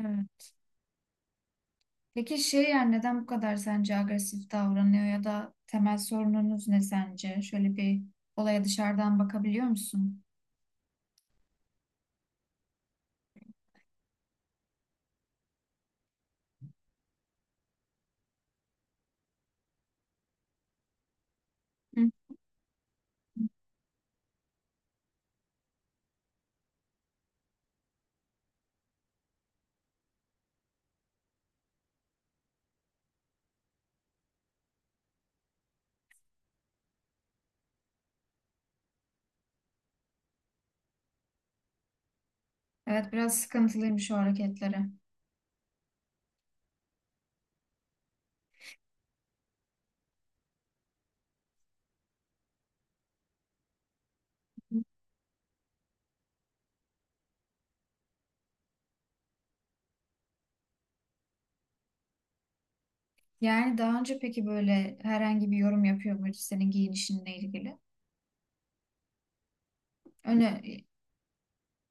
Evet. Peki yani neden bu kadar sence agresif davranıyor ya da temel sorununuz ne sence? Şöyle bir olaya dışarıdan bakabiliyor musun? Hı. Evet, biraz sıkıntılıymış o hareketleri. Hı. Yani daha önce peki böyle herhangi bir yorum yapıyor muydu senin giyinişinle ilgili? Öne, e,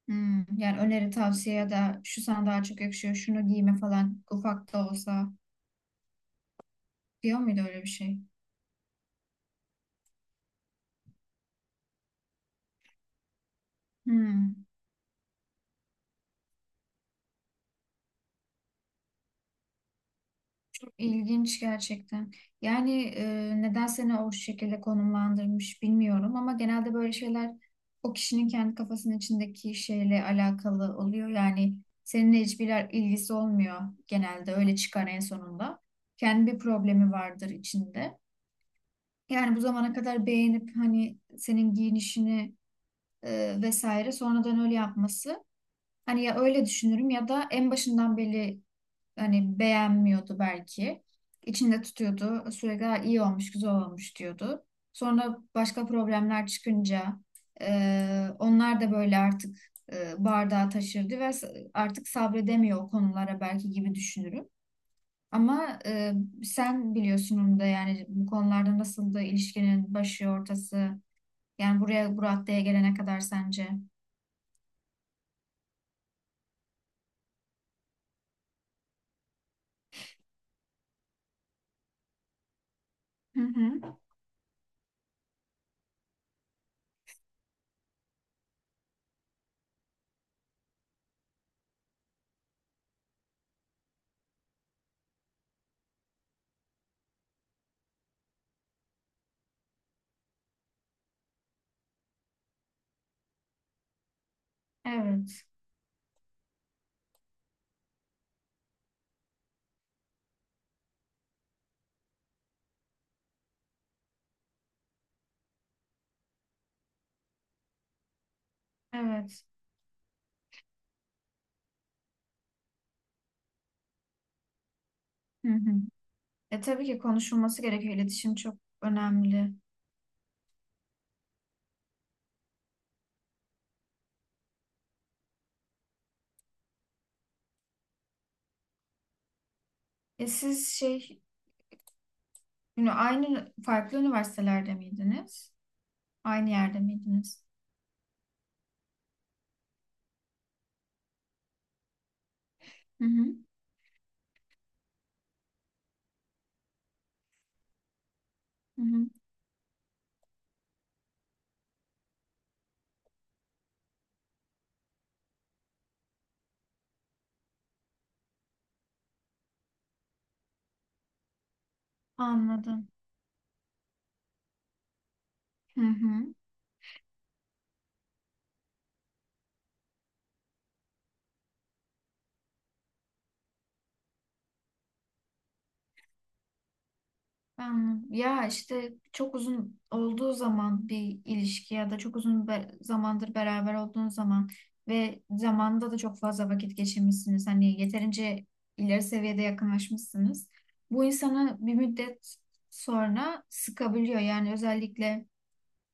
Hmm, yani öneri, tavsiye ya da şu sana daha çok yakışıyor, şunu giyme falan ufak da olsa diyor muydu öyle bir şey? Hmm. İlginç gerçekten. Yani neden seni o şekilde konumlandırmış bilmiyorum ama genelde böyle şeyler o kişinin kendi kafasının içindeki şeyle alakalı oluyor. Yani seninle hiçbir ilgisi olmuyor, genelde öyle çıkar en sonunda. Kendi bir problemi vardır içinde. Yani bu zamana kadar beğenip hani senin giyinişini vesaire sonradan öyle yapması. Hani ya öyle düşünürüm ya da en başından beri hani beğenmiyordu belki. İçinde tutuyordu. Sürekli "Ha, iyi olmuş, güzel olmuş" diyordu. Sonra başka problemler çıkınca onlar da böyle artık bardağı taşırdı ve artık sabredemiyor o konulara belki gibi düşünürüm. Ama sen biliyorsun onu da, yani bu konularda nasıl da ilişkinin başı ortası, yani buraya bu raddeye gelene kadar sence? Hı hı. Evet, evet. Hı hı. E tabii ki konuşulması gerekiyor. İletişim çok önemli. E siz şey, yani aynı farklı üniversitelerde miydiniz? Aynı yerde miydiniz? Hı hı. Hı hı. Anladım. Hı hı. Anladım. Ya işte çok uzun olduğu zaman bir ilişki ya da çok uzun zamandır beraber olduğun zaman ve zamanda da çok fazla vakit geçirmişsiniz. Hani yeterince ileri seviyede yakınlaşmışsınız. Bu insanı bir müddet sonra sıkabiliyor. Yani özellikle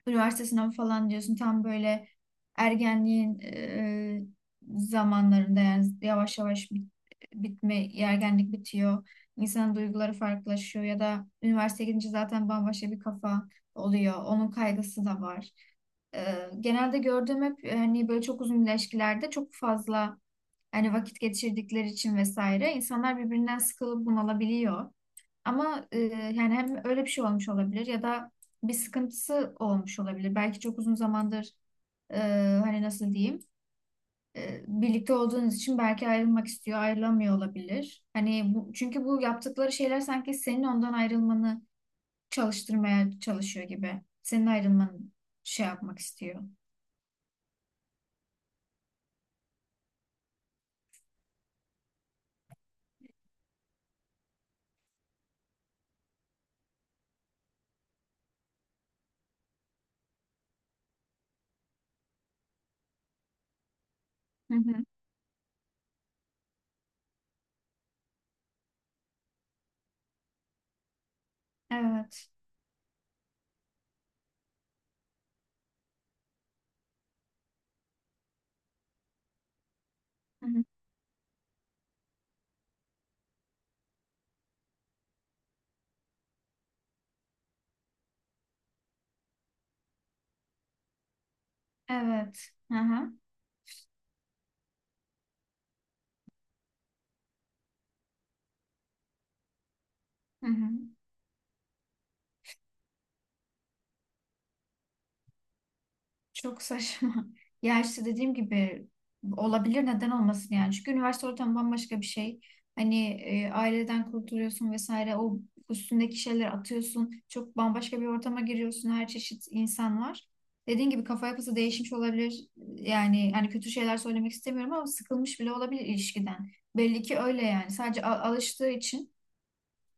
üniversite sınavı falan diyorsun, tam böyle ergenliğin zamanlarında, yani yavaş yavaş ergenlik bitiyor. İnsanın duyguları farklılaşıyor ya da üniversiteye gidince zaten bambaşka bir kafa oluyor. Onun kaygısı da var. E, genelde gördüğüm hep hani böyle çok uzun ilişkilerde çok fazla hani vakit geçirdikleri için vesaire insanlar birbirinden sıkılıp bunalabiliyor. Ama yani hem öyle bir şey olmuş olabilir ya da bir sıkıntısı olmuş olabilir. Belki çok uzun zamandır e, hani nasıl diyeyim, birlikte olduğunuz için belki ayrılmak istiyor, ayrılamıyor olabilir. Hani bu, çünkü bu yaptıkları şeyler sanki senin ondan ayrılmanı çalıştırmaya çalışıyor gibi. Senin ayrılmanı şey yapmak istiyor. Hı hı. Evet. Hı hı. Evet. Hı hı. Hı hı. Çok saçma. Ya işte dediğim gibi, olabilir, neden olmasın yani. Çünkü üniversite ortamı bambaşka bir şey. Hani aileden kurtuluyorsun vesaire, o üstündeki şeyleri atıyorsun. Çok bambaşka bir ortama giriyorsun. Her çeşit insan var. Dediğim gibi, kafa yapısı değişmiş olabilir. Yani hani kötü şeyler söylemek istemiyorum ama sıkılmış bile olabilir ilişkiden. Belli ki öyle yani. Sadece alıştığı için,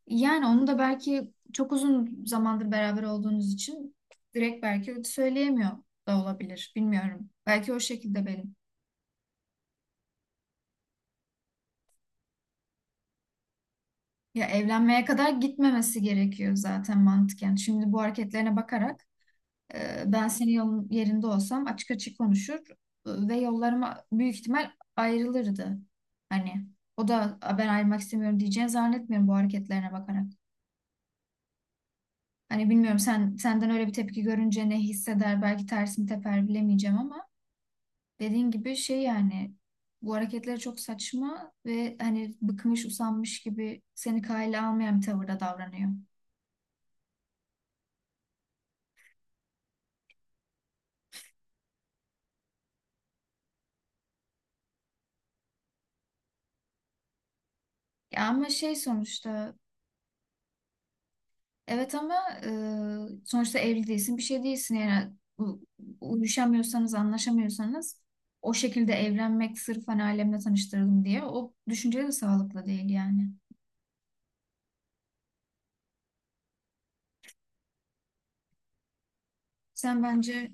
yani onu da belki çok uzun zamandır beraber olduğunuz için direkt belki söyleyemiyor da olabilir. Bilmiyorum. Belki o şekilde benim. Ya evlenmeye kadar gitmemesi gerekiyor zaten mantıken. Şimdi bu hareketlerine bakarak ben senin yolun yerinde olsam açık açık konuşur, ve yollarıma büyük ihtimal ayrılırdı. Hani o da "A, ben ayrılmak istemiyorum" diyeceğini zannetmiyorum bu hareketlerine bakarak. Hani bilmiyorum, sen senden öyle bir tepki görünce ne hisseder, belki tersini teper bilemeyeceğim ama dediğin gibi şey yani, bu hareketleri çok saçma ve hani bıkmış usanmış gibi seni kale almayan bir tavırda davranıyor. Ya ama şey, sonuçta evet ama sonuçta evli değilsin, bir şey değilsin yani, u- uyuşamıyorsanız, anlaşamıyorsanız o şekilde evlenmek sırf hani ailemle tanıştırdım diye, o düşünce de sağlıklı değil yani. Sen bence,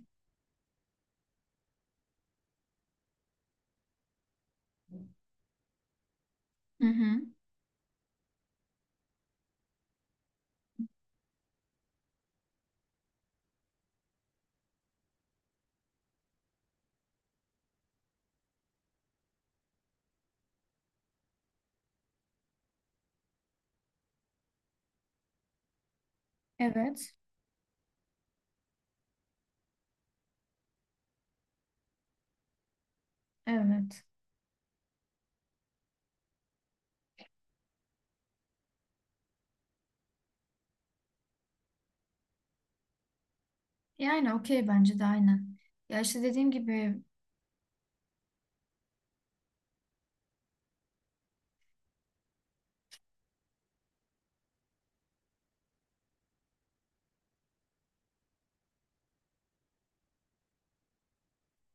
hı hı, evet evet, yani okey, bence de aynen. Ya işte dediğim gibi,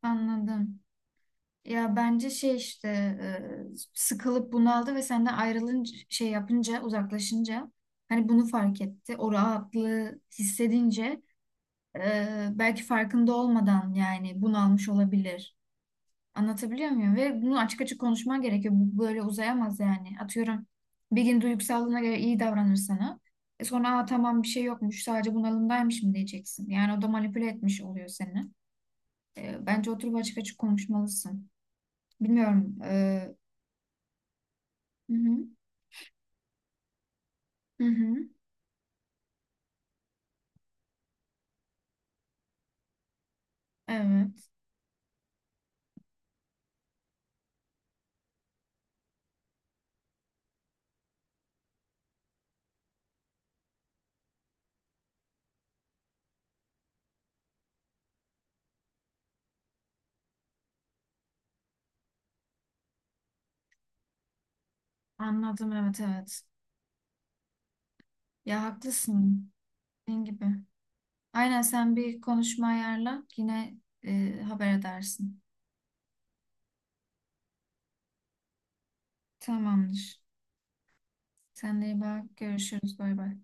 anladım. Ya bence şey işte, sıkılıp bunaldı ve senden ayrılınca, şey yapınca, uzaklaşınca hani bunu fark etti. O rahatlığı hissedince belki farkında olmadan yani bunalmış olabilir. Anlatabiliyor muyum? Ve bunu açık açık konuşman gerekiyor. Bu böyle uzayamaz yani. Atıyorum, bir gün duygusallığına göre iyi davranır sana. E sonra "Aa, tamam, bir şey yokmuş, sadece bunalımdaymış" mı diyeceksin. Yani o da manipüle etmiş oluyor seni. Bence oturup açık açık konuşmalısın. Bilmiyorum. Hı hı. Hı hı. Evet. Anladım. Evet, evet. Ya haklısın. Dediğin gibi. Aynen, sen bir konuşma ayarla. Yine haber edersin. Tamamdır. Sen de iyi bak. Görüşürüz. Bay bay.